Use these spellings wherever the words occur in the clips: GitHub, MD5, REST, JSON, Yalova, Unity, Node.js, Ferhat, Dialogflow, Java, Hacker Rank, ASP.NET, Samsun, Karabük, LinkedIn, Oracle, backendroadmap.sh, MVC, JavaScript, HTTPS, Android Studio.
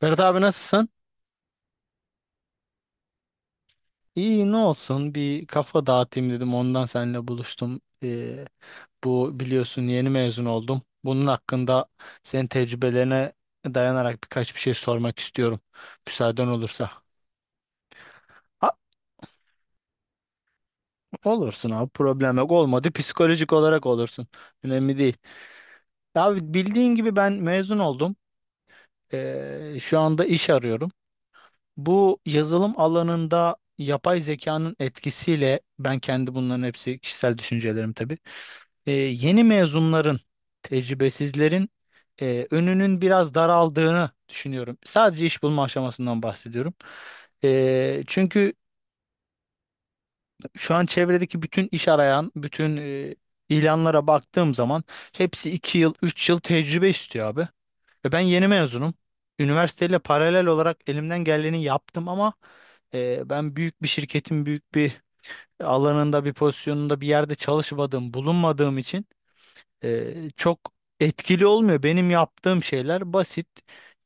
Ferhat abi, nasılsın? İyi, ne olsun, bir kafa dağıtayım dedim, ondan seninle buluştum. Bu biliyorsun yeni mezun oldum. Bunun hakkında senin tecrübelerine dayanarak birkaç bir şey sormak istiyorum. Müsaaden olursa. Ha, olursun abi, problem yok, olmadı psikolojik olarak olursun. Önemli değil. Abi bildiğin gibi ben mezun oldum. Şu anda iş arıyorum. Bu yazılım alanında yapay zekanın etkisiyle ben kendi, bunların hepsi kişisel düşüncelerim tabii. Yeni mezunların, tecrübesizlerin önünün biraz daraldığını düşünüyorum. Sadece iş bulma aşamasından bahsediyorum. Çünkü şu an çevredeki bütün iş arayan, bütün ilanlara baktığım zaman hepsi 2 yıl, 3 yıl tecrübe istiyor abi. Ve ben yeni mezunum. Üniversiteyle paralel olarak elimden geleni yaptım ama ben büyük bir şirketin büyük bir alanında, bir pozisyonunda, bir yerde çalışmadığım, bulunmadığım için çok etkili olmuyor. Benim yaptığım şeyler basit.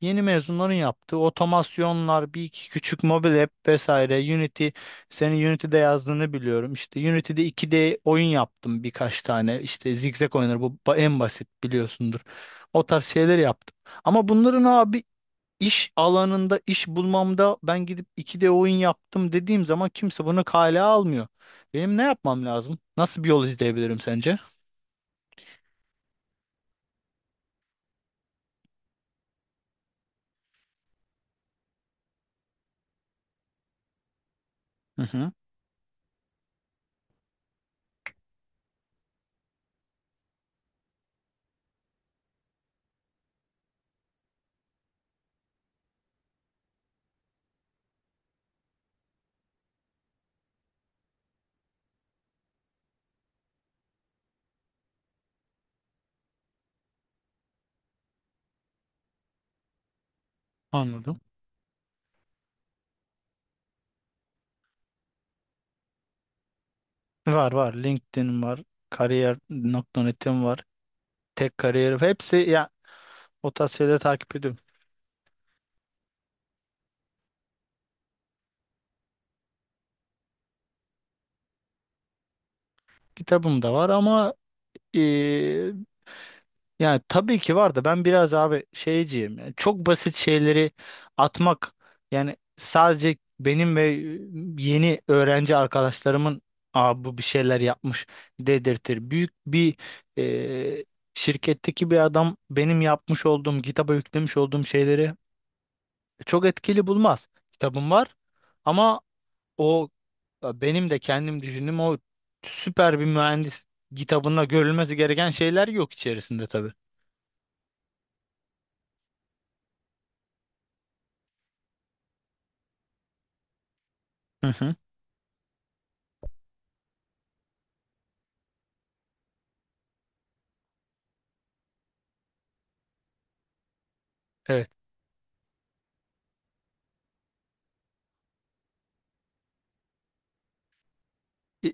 Yeni mezunların yaptığı otomasyonlar, bir iki küçük mobil app vesaire. Unity, senin Unity'de yazdığını biliyorum. İşte Unity'de 2D oyun yaptım birkaç tane. İşte zigzag oyunları, en basit, biliyorsundur. O tarz şeyler yaptım. Ama bunların abi iş alanında, iş bulmamda, ben gidip 2D oyun yaptım dediğim zaman kimse bunu kale almıyor. Benim ne yapmam lazım? Nasıl bir yol izleyebilirim sence? Hı hı, anladım. Var var. LinkedIn var. Kariyer.net'im var. Tek kariyer. Hepsi ya o tarz şeyleri takip ediyorum. Kitabım da var ama e, yani tabii ki var da ben biraz abi şeyciyim. Yani çok basit şeyleri atmak, yani sadece benim ve yeni öğrenci arkadaşlarımın, "Aa, bu bir şeyler yapmış" dedirtir. Büyük bir e, şirketteki bir adam benim yapmış olduğum, kitaba yüklemiş olduğum şeyleri çok etkili bulmaz. Kitabım var ama o benim de kendim düşündüğüm o süper bir mühendis kitabında görülmesi gereken şeyler yok içerisinde tabii. Hı hı. Evet. İ-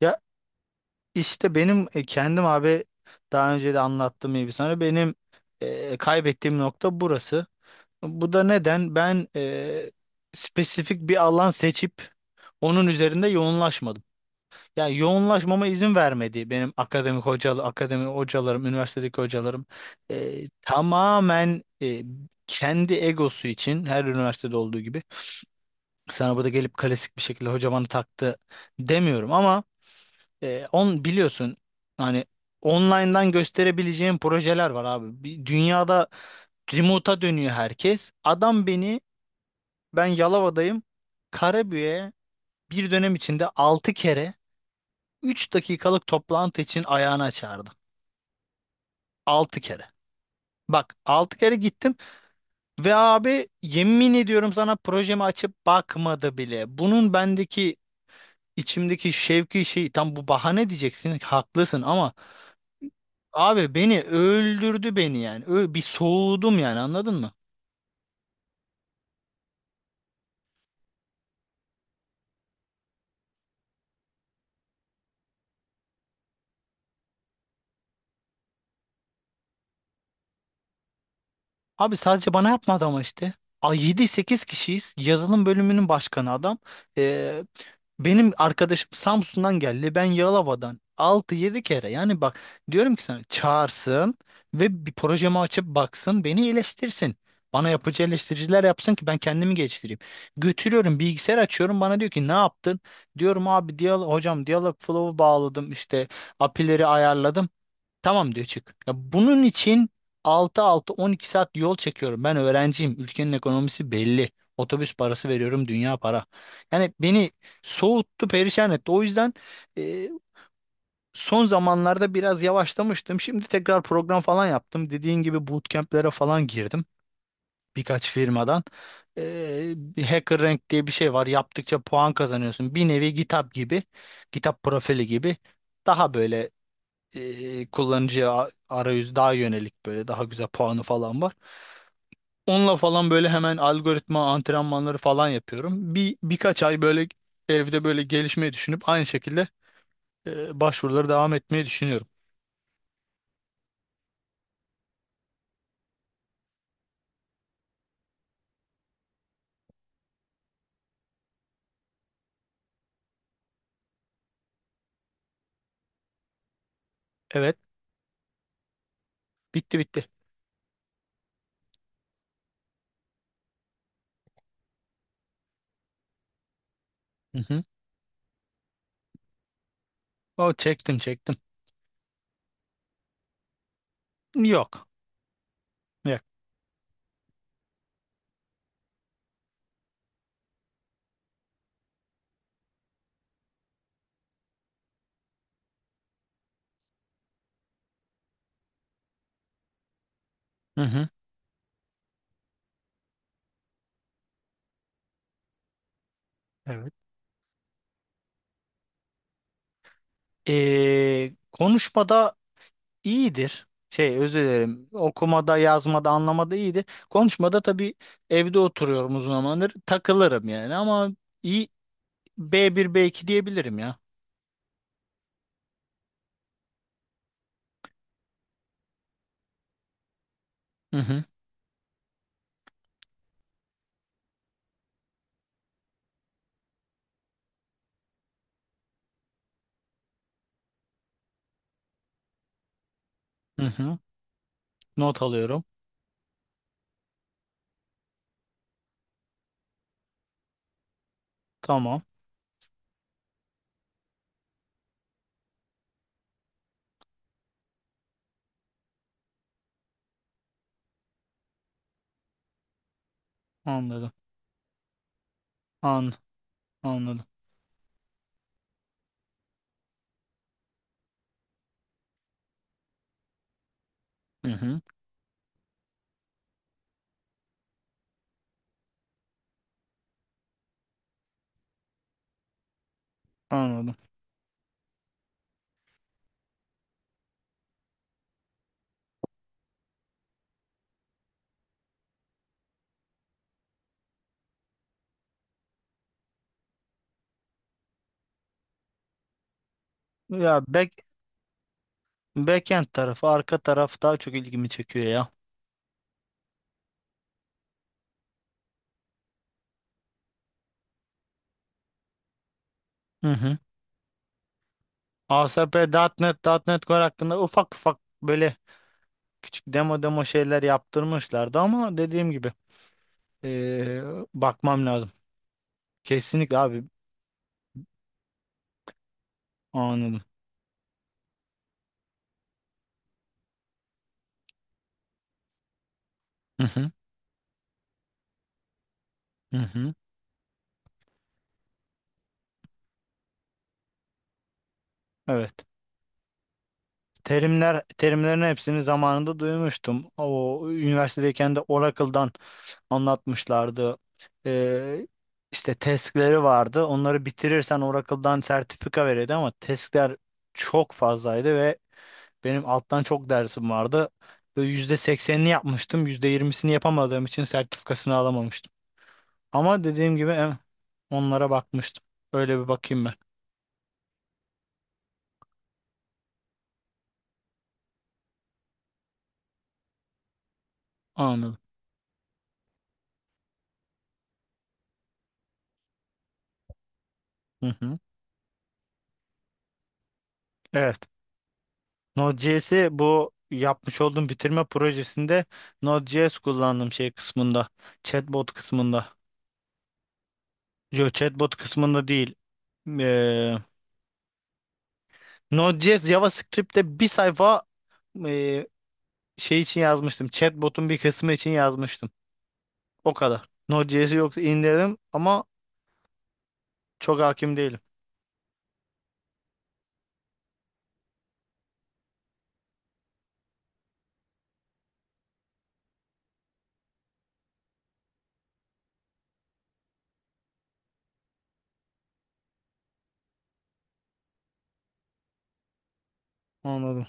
Ya işte benim kendim abi daha önce de anlattığım gibi sana, benim kaybettiğim nokta burası. Bu da neden? Ben spesifik bir alan seçip onun üzerinde yoğunlaşmadım. Ya, yoğunlaşmama izin vermedi benim akademi hocalarım, üniversitedeki hocalarım. Tamamen kendi egosu için, her üniversitede olduğu gibi. Sana burada gelip klasik bir şekilde "hoca bana taktı" demiyorum ama e, on biliyorsun, hani online'dan gösterebileceğim projeler var abi. Dünyada remote'a dönüyor herkes. Adam beni, ben Yalova'dayım, Karabük'e bir dönem içinde 6 kere, 3 dakikalık toplantı için ayağına çağırdı. 6 kere. Bak, 6 kere gittim ve abi, yemin ediyorum sana, projemi açıp bakmadı bile. Bunun bendeki, içimdeki şevki, şey, tam bu, "bahane" diyeceksin, haklısın ama abi beni öldürdü beni yani. Bir soğudum yani, anladın mı? Abi sadece bana yapmadı ama işte. A, yedi sekiz kişiyiz. Yazılım bölümünün başkanı adam. Ee, Benim arkadaşım Samsun'dan geldi. Ben Yalova'dan. 6-7 kere. Yani bak, diyorum ki, sana çağırsın ve bir projemi açıp baksın, beni eleştirsin. Bana yapıcı eleştiriciler yapsın ki ben kendimi geliştireyim. Götürüyorum, bilgisayar açıyorum, bana diyor ki "ne yaptın?" Diyorum, "abi hocam, diyalog flow'u bağladım, işte apileri ayarladım." "Tamam" diyor, "çık." Ya, bunun için 6-6-12 saat yol çekiyorum. Ben öğrenciyim. Ülkenin ekonomisi belli. Otobüs parası veriyorum. Dünya para. Yani beni soğuttu, perişan etti. O yüzden e, son zamanlarda biraz yavaşlamıştım. Şimdi tekrar program falan yaptım. Dediğin gibi bootcamp'lere falan girdim. Birkaç firmadan. Bir Hacker Rank diye bir şey var. Yaptıkça puan kazanıyorsun. Bir nevi GitHub gibi. GitHub profili gibi. Daha böyle kullanıcıya arayüz daha yönelik, böyle daha güzel puanı falan var. Onunla falan böyle hemen algoritma antrenmanları falan yapıyorum. Birkaç ay böyle evde böyle gelişmeyi düşünüp aynı şekilde başvuruları devam etmeyi düşünüyorum. Evet, bitti bitti. Hı hı. O, çektim çektim. Yok. Yok. Hı hı. Evet. Konuşmada iyidir. Şey, özür dilerim, okumada, yazmada, anlamada iyidir. Konuşmada tabii, evde oturuyorum uzun zamandır, takılırım yani ama iyi, B1 B2 diyebilirim ya. Hı hı. Hı hı. Not alıyorum. Tamam. Anladım. An Anladım. Hı hı. Anladım. Ya, backend tarafı, arka taraf daha çok ilgimi çekiyor ya. Hı hı. ASP.NET, .NET nokta net Core hakkında ufak ufak böyle küçük demo demo şeyler yaptırmışlardı ama dediğim gibi Ee, bakmam lazım. Kesinlikle abi, anladım. Hı hı, hı hı. Evet. Terimlerin hepsini zamanında duymuştum. O üniversitedeyken de Oracle'dan anlatmışlardı. Ee, işte testleri vardı. Onları bitirirsen Oracle'dan sertifika veriyordu ama testler çok fazlaydı ve benim alttan çok dersim vardı. Ve %80'ini yapmıştım. %20'sini yapamadığım için sertifikasını alamamıştım. Ama dediğim gibi onlara bakmıştım. Öyle bir bakayım ben. Anladım. Hı hı. Evet. Node.js'i bu yapmış olduğum bitirme projesinde, Node.js kullandım şey kısmında. Chatbot kısmında. Yo, chatbot kısmında değil. Ee, Node.js, JavaScript'te bir sayfa e, şey için yazmıştım. Chatbot'un bir kısmı için yazmıştım. O kadar. Node.js'i yoksa indirdim ama çok hakim değilim. Anladım.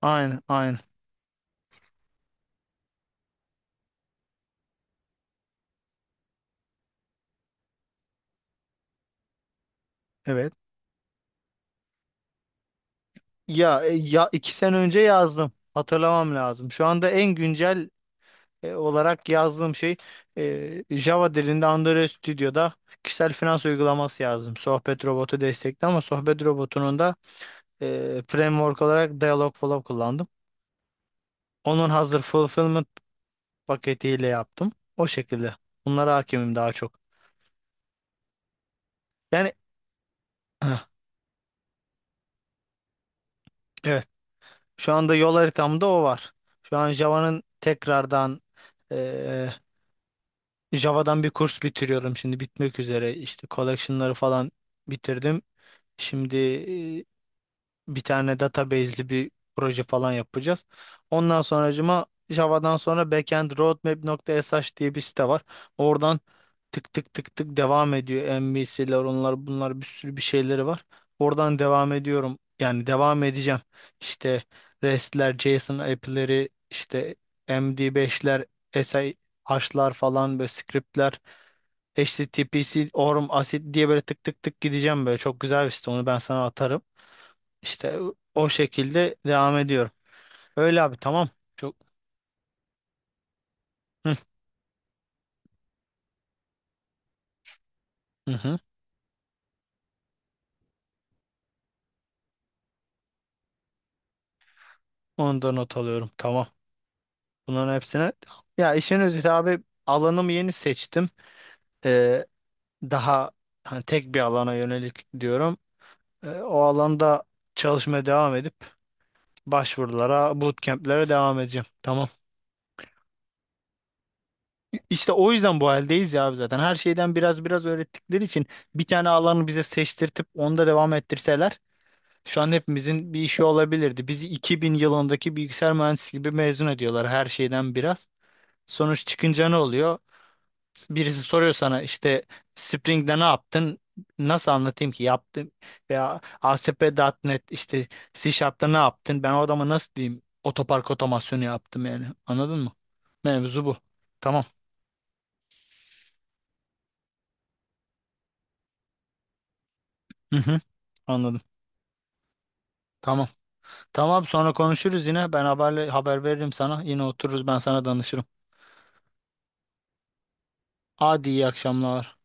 Aynen, aynen. Evet. Ya, 2 sene önce yazdım. Hatırlamam lazım. Şu anda en güncel olarak yazdığım şey Java dilinde, Android Studio'da kişisel finans uygulaması yazdım. Sohbet robotu destekli ama sohbet robotunun da framework olarak Dialogflow kullandım. Onun hazır fulfillment paketiyle yaptım, o şekilde. Bunlara hakimim daha çok. Yani evet. Şu anda yol haritamda o var. Şu an e, Java'dan bir kurs bitiriyorum, şimdi bitmek üzere. İşte collection'ları falan bitirdim. Şimdi e, bir tane database'li bir proje falan yapacağız. Ondan sonracıma, Java'dan sonra backendroadmap.sh diye bir site var. Oradan tık tık tık tık devam ediyor. MVC'ler, onlar bunlar, bir sürü bir şeyleri var. Oradan devam ediyorum, yani devam edeceğim. İşte REST'ler, JSON app'leri, işte MD5'ler, SI H'lar falan, böyle script'ler, HTTPS, Orm, Asit diye böyle tık tık tık gideceğim böyle. Çok güzel bir site, onu ben sana atarım. İşte o şekilde devam ediyorum. Öyle abi, tamam. Çok. Hı hı. Hı. Onu da not alıyorum. Tamam. Bunların hepsine. Ya işin özeti abi, alanımı yeni seçtim. Ee, daha hani tek bir alana yönelik diyorum. O alanda çalışmaya devam edip başvurulara, bootcamp'lere devam edeceğim. Tamam. İşte o yüzden bu haldeyiz ya abi zaten. Her şeyden biraz biraz öğrettikleri için, bir tane alanı bize seçtirtip onda devam ettirseler, şu an hepimizin bir işi olabilirdi. Bizi 2000 yılındaki bilgisayar mühendisi gibi mezun ediyorlar, her şeyden biraz. Sonuç çıkınca ne oluyor? Birisi soruyor sana, işte "Spring'de ne yaptın?" Nasıl anlatayım ki yaptım? Veya A S P nokta net, işte C Sharp'ta ne yaptın? Ben o adama nasıl diyeyim? "Otopark otomasyonu yaptım" yani. Anladın mı? Mevzu bu. Tamam. Hı hı. Anladım. Tamam. Tamam, sonra konuşuruz yine. Ben haber veririm sana. Yine otururuz, ben sana danışırım. Hadi, iyi akşamlar.